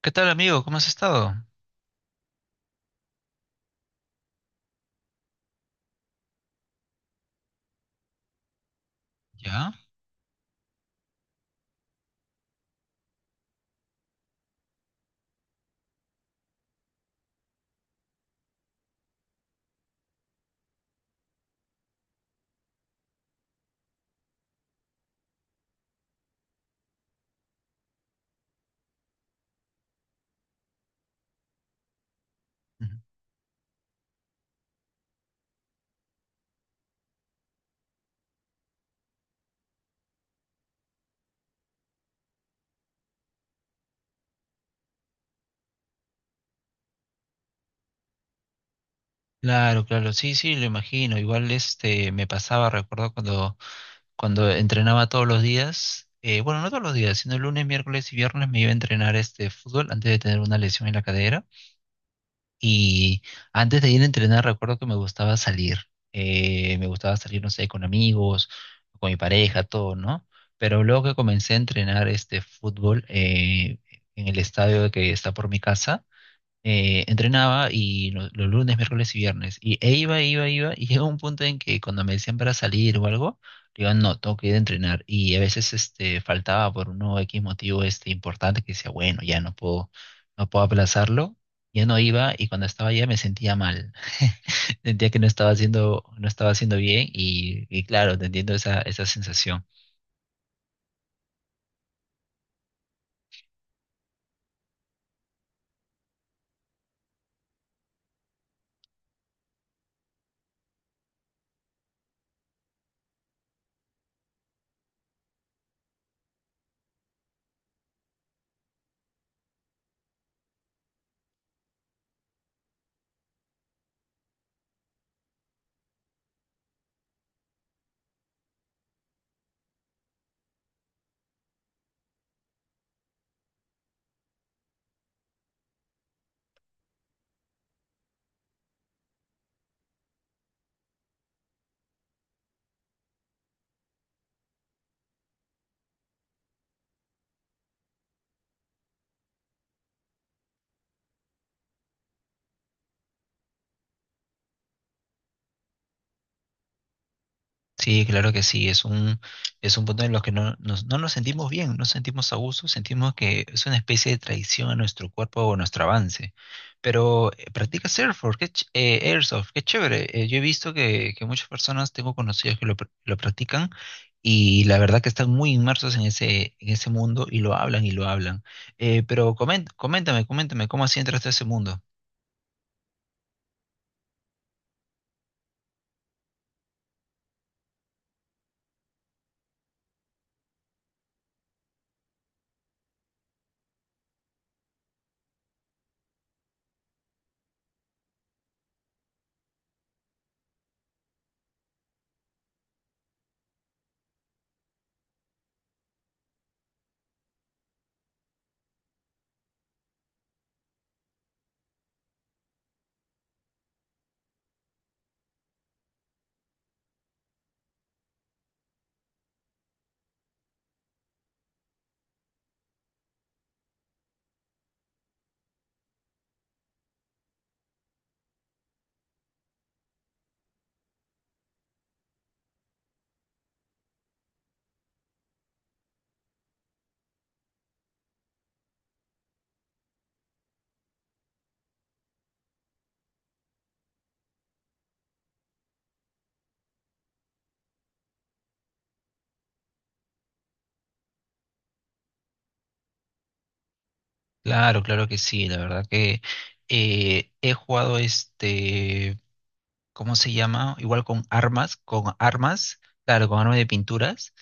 ¿Qué tal, amigo? ¿Cómo has estado? ¿Ya? Ujú. Claro, claro, sí, sí, lo imagino. Igual este me pasaba, recuerdo cuando, cuando entrenaba todos los días, no todos los días, sino lunes, miércoles y viernes me iba a entrenar este fútbol antes de tener una lesión en la cadera. Y antes de ir a entrenar, recuerdo que me gustaba salir. Me gustaba salir, no sé, con amigos, con mi pareja, todo, ¿no? Pero luego que comencé a entrenar este fútbol en el estadio que está por mi casa, entrenaba y los lunes, miércoles y viernes. Y e iba. Y llegó un punto en que cuando me decían para salir o algo, le digo, no, tengo que ir a entrenar. Y a veces este, faltaba por uno X motivo este, importante que decía, bueno, ya no puedo, no puedo aplazarlo. Ya no iba y cuando estaba allá me sentía mal. Sentía que no estaba haciendo bien y claro, te entiendo esa, esa sensación. Sí, claro que sí, es un punto en los que no nos sentimos bien, no sentimos a gusto, sentimos que es una especie de traición a nuestro cuerpo o a nuestro avance. Pero practica surfboard, airsoft, qué chévere. Yo he visto que muchas personas, tengo conocidos que lo practican y la verdad que están muy inmersos en ese mundo y lo hablan y lo hablan. Pero coméntame, coméntame, ¿cómo así entraste a ese mundo? Claro, claro que sí, la verdad que he jugado este... ¿Cómo se llama? Igual con armas, claro, con armas de pinturas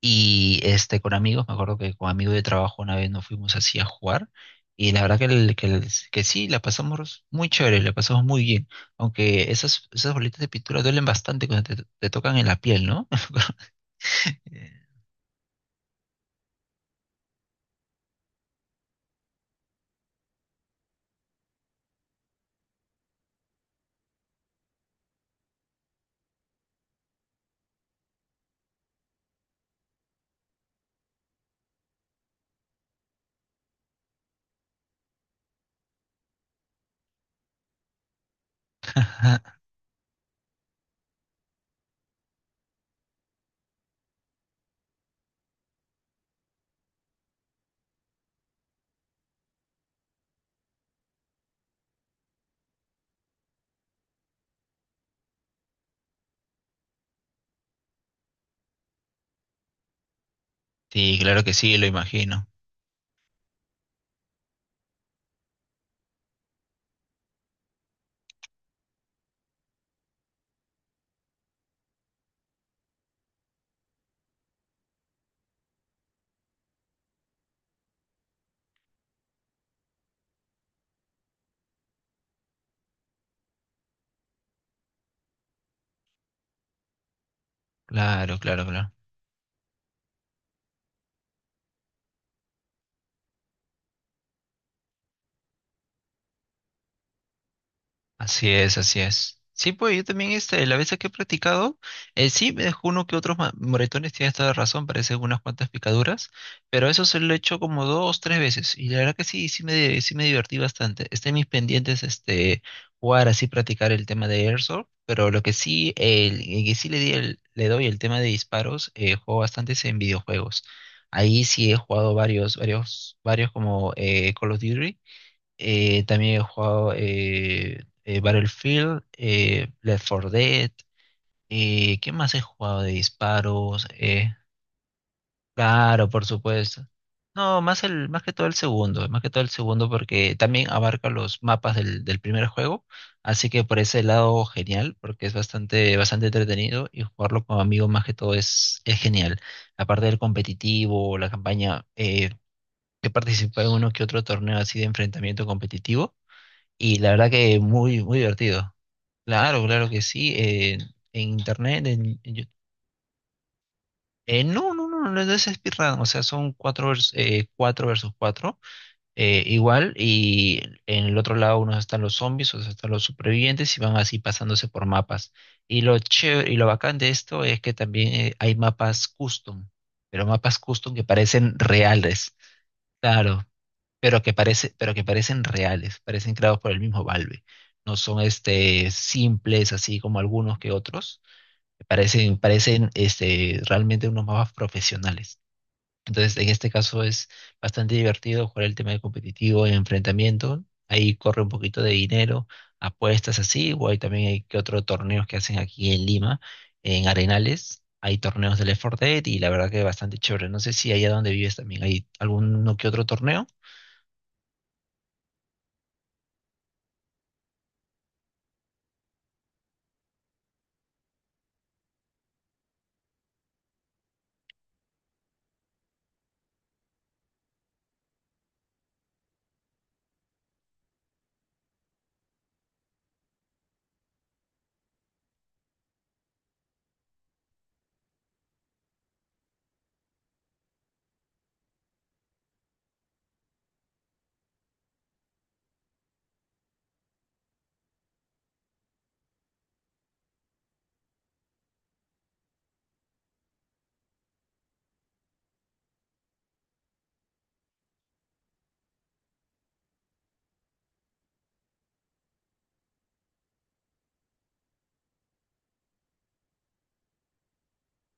y este con amigos, me acuerdo que con amigos de trabajo una vez nos fuimos así a jugar y la verdad que, que sí, la pasamos muy chévere, la pasamos muy bien, aunque esas, esas bolitas de pintura duelen bastante cuando te tocan en la piel, ¿no? Sí, claro que sí, lo imagino. Claro, claro, claro. Así es, así es. Sí, pues yo también este, la vez que he practicado, sí me dejó uno que otros moretones, tienes toda la razón, parecen unas cuantas picaduras, pero eso se lo he hecho como dos, tres veces, y la verdad que sí, sí me divertí bastante. Está en mis pendientes este, jugar así, practicar el tema de Airsoft, pero lo que sí, el que sí le di le doy el tema de disparos, juego bastantes en videojuegos. Ahí sí he jugado varios como Call of Duty. También he jugado Battlefield, Left 4 Dead. ¿Qué más he jugado de disparos? Claro, por supuesto. No, más que todo el segundo, más que todo el segundo porque también abarca los mapas del primer juego, así que por ese lado genial, porque es bastante, bastante entretenido y jugarlo con amigos más que todo es genial. Aparte del competitivo, la campaña, he participado en uno que otro torneo así de enfrentamiento competitivo y la verdad que muy, muy divertido. Claro, claro que sí. En internet, en no, no, no, no, no es speedrun. O sea, son cuatro versus cuatro. Igual, y en el otro lado unos están los zombies, otros están los supervivientes y van así pasándose por mapas. Y lo chévere, y lo bacán de esto es que también hay mapas custom, pero mapas custom que parecen reales. Claro, pero que parecen reales, parecen creados por el mismo Valve. No son este simples así como algunos que otros. Parecen, parecen este realmente unos mapas profesionales. Entonces, en este caso es bastante divertido jugar el tema de competitivo en enfrentamiento. Ahí corre un poquito de dinero, apuestas así, o hay también hay que otros torneos que hacen aquí en Lima, en Arenales. Hay torneos de Left 4 Dead y la verdad que es bastante chévere. No sé si allá donde vives también hay alguno que otro torneo.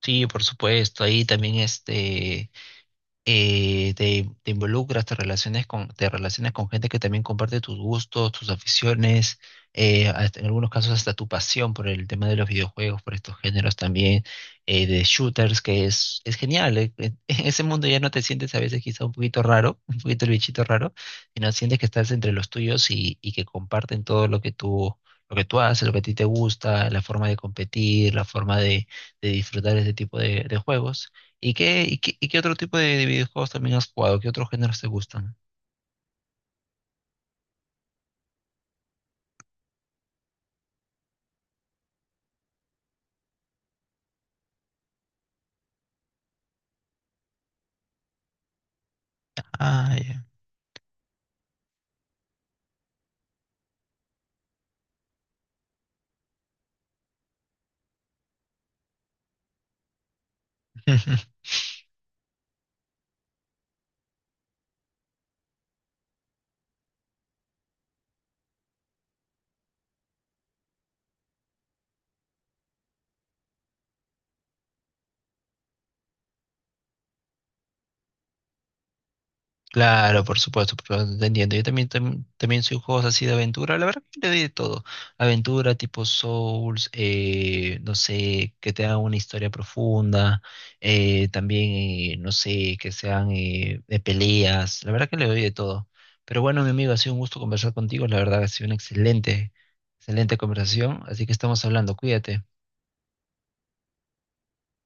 Sí, por supuesto, ahí también este te involucras, te relacionas te relacionas con gente que también comparte tus gustos, tus aficiones, hasta- en algunos casos hasta tu pasión por el tema de los videojuegos, por estos géneros también, de shooters, que es genial. En en ese mundo ya no te sientes a veces quizá un poquito raro, un poquito el bichito raro, sino sientes que estás entre los tuyos y que comparten todo lo que tú haces, lo que a ti te gusta, la forma de competir, la forma de disfrutar ese tipo de juegos. ¿Y qué, y qué, y qué otro tipo de videojuegos también has jugado? ¿Qué otros géneros te gustan? Ah, ya. Claro, por supuesto, te entiendo. Yo también, también soy juegos así de aventura. La verdad que le doy de todo. Aventura tipo Souls, no sé, que te hagan una historia profunda. También, no sé, que sean de peleas. La verdad que le doy de todo. Pero bueno, mi amigo, ha sido un gusto conversar contigo. La verdad, ha sido una excelente, excelente conversación. Así que estamos hablando. Cuídate.